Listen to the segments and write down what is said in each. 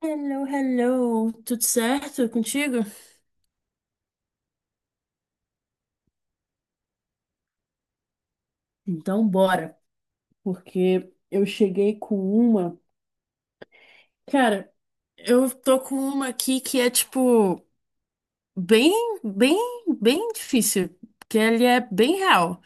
Hello, hello, tudo certo contigo? Então bora, porque eu cheguei com uma. Cara, eu tô com uma aqui que é tipo bem, bem, bem difícil, que ele é bem real.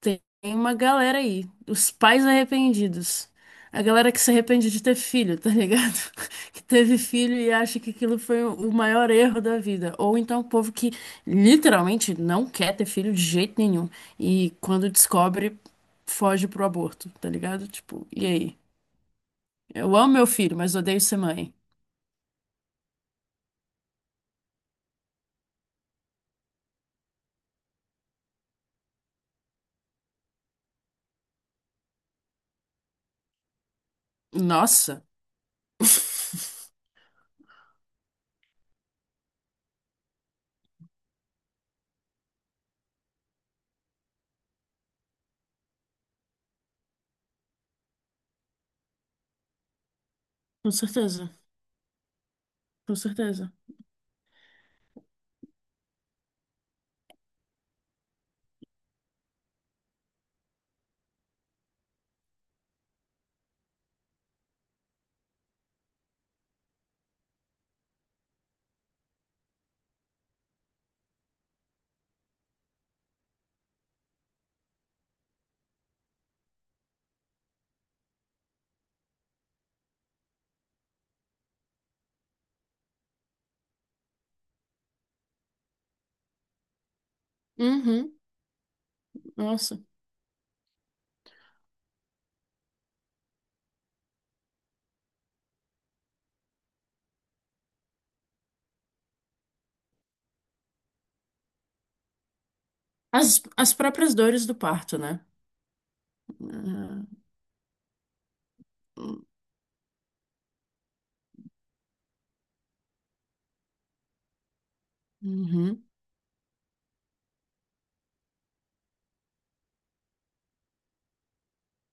Tem uma galera aí, os pais arrependidos. A galera que se arrepende de ter filho, tá ligado? Que teve filho e acha que aquilo foi o maior erro da vida. Ou então o povo que literalmente não quer ter filho de jeito nenhum. E quando descobre, foge pro aborto, tá ligado? Tipo, e aí? Eu amo meu filho, mas odeio ser mãe. Nossa. Com certeza, com certeza. Uhum, nossa. As próprias dores do parto, né? Uhum,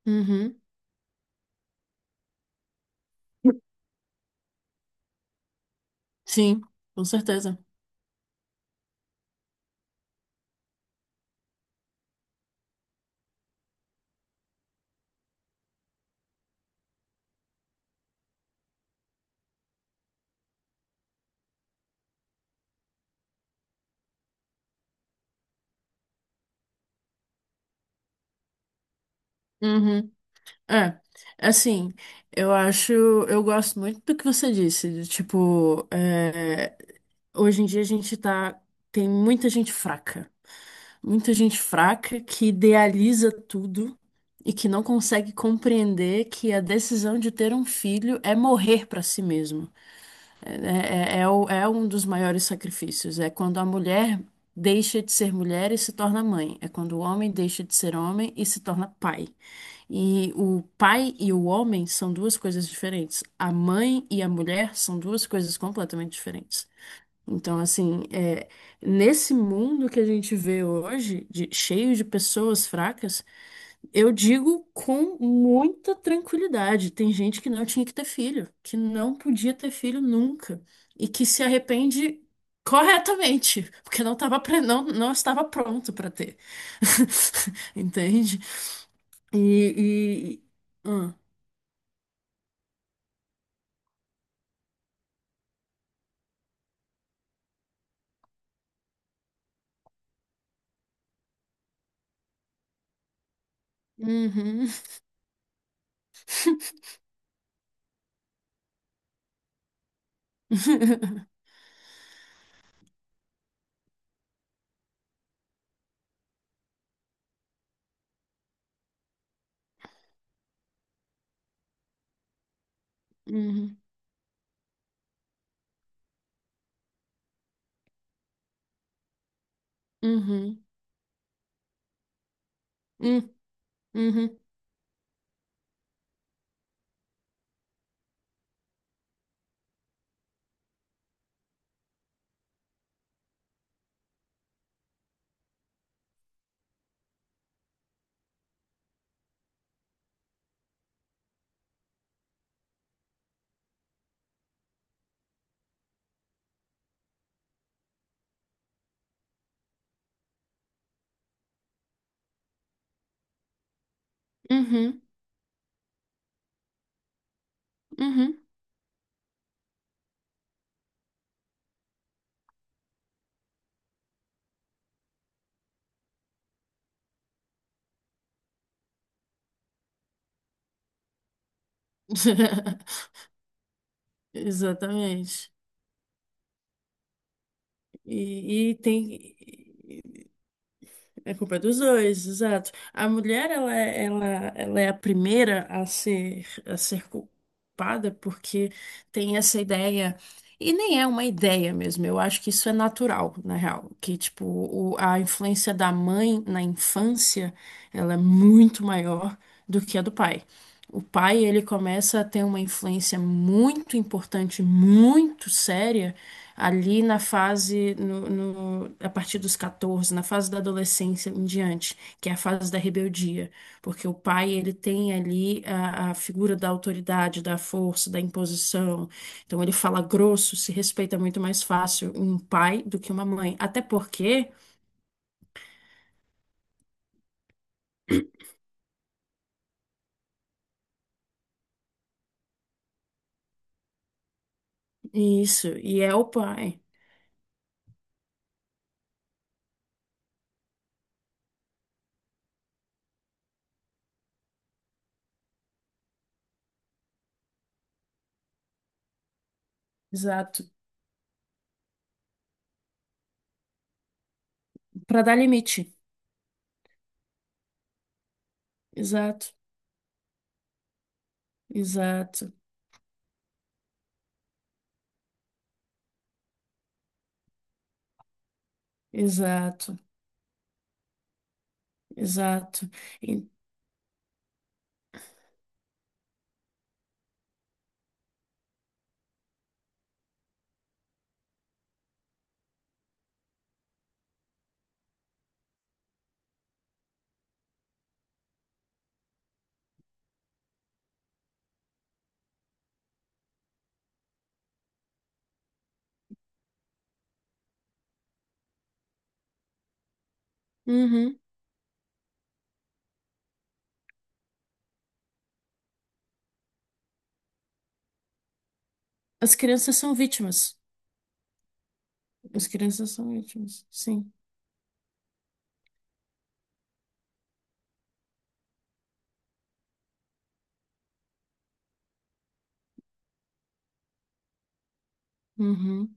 uhum. Sim, com certeza. Uhum. É, assim, eu acho, eu gosto muito do que você disse, de, tipo, é, hoje em dia a gente tá, tem muita gente fraca que idealiza tudo e que não consegue compreender que a decisão de ter um filho é morrer pra si mesmo. É um dos maiores sacrifícios. É quando a mulher deixa de ser mulher e se torna mãe. É quando o homem deixa de ser homem e se torna pai. E o pai e o homem são duas coisas diferentes. A mãe e a mulher são duas coisas completamente diferentes. Então, assim, é, nesse mundo que a gente vê hoje, de- cheio de pessoas fracas, eu digo com muita tranquilidade. Tem gente que não tinha que ter filho, que não podia ter filho nunca e que se arrepende corretamente, porque não tava, pre- não, não estava pronto para ter. Entende? E, e... Ah. Uhum. Uhum. Uhum. Uhum. Hum, uhum. Uhum. Uhum. Exatamente. E tem. É culpa dos dois, exato. A mulher, ela é a primeira a ser culpada porque tem essa ideia, e nem é uma ideia mesmo, eu acho que isso é natural, na real, que, tipo, a influência da mãe na infância, ela é muito maior do que a do pai. O pai, ele começa a ter uma influência muito importante, muito séria, ali na fase, a partir dos 14 na fase da adolescência em diante, que é a fase da rebeldia, porque o pai, ele tem ali a figura da autoridade, da força, da imposição, então ele fala grosso, se respeita muito mais fácil um pai do que uma mãe, até porque, isso, e é o pai, exato, para dar limite, exato, exato, exato, exato. E- uhum. As crianças são vítimas. As crianças são ótimas. Sim. Uhum.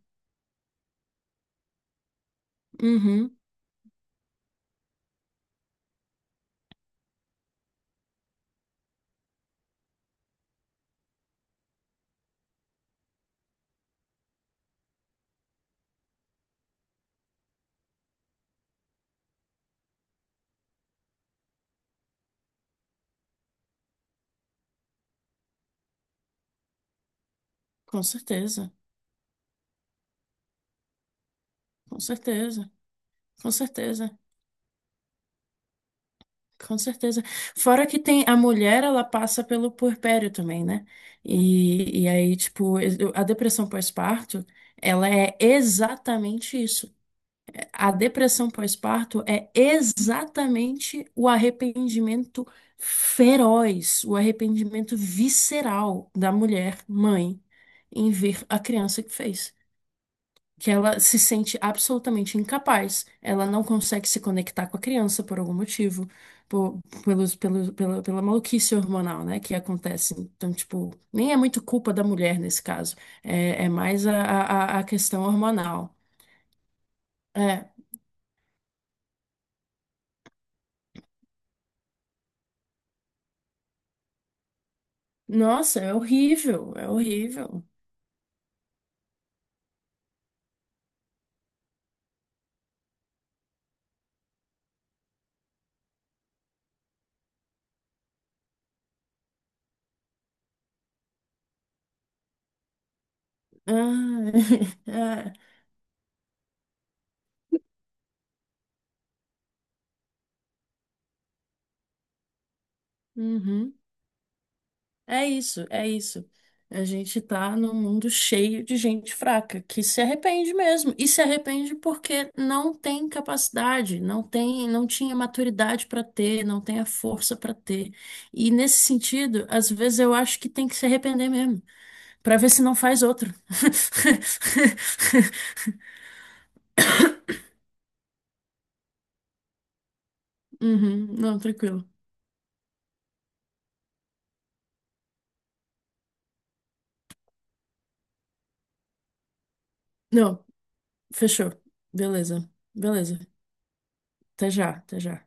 Uhum. Com certeza. Com certeza. Com certeza. Com certeza. Fora que tem a mulher, ela passa pelo puerpério também, né? E aí, tipo, a depressão pós-parto, ela é exatamente isso. A depressão pós-parto é exatamente o arrependimento feroz, o arrependimento visceral da mulher mãe em ver a criança que fez. Que ela se sente absolutamente incapaz. Ela não consegue se conectar com a criança por algum motivo, por, pela pela maluquice hormonal, né, que acontece. Então, tipo, nem é muito culpa da mulher nesse caso, é, é mais a questão hormonal. É, nossa, é horrível, é horrível. Ah, é. Uhum. É isso, é isso. A gente tá num mundo cheio de gente fraca, que se arrepende mesmo. E se arrepende porque não tem capacidade, não tem, não tinha maturidade para ter, não tem a força para ter. E nesse sentido, às vezes eu acho que tem que se arrepender mesmo, para ver se não faz outro. Uhum, não, tranquilo. Não, fechou. Beleza, beleza. Até já, até já.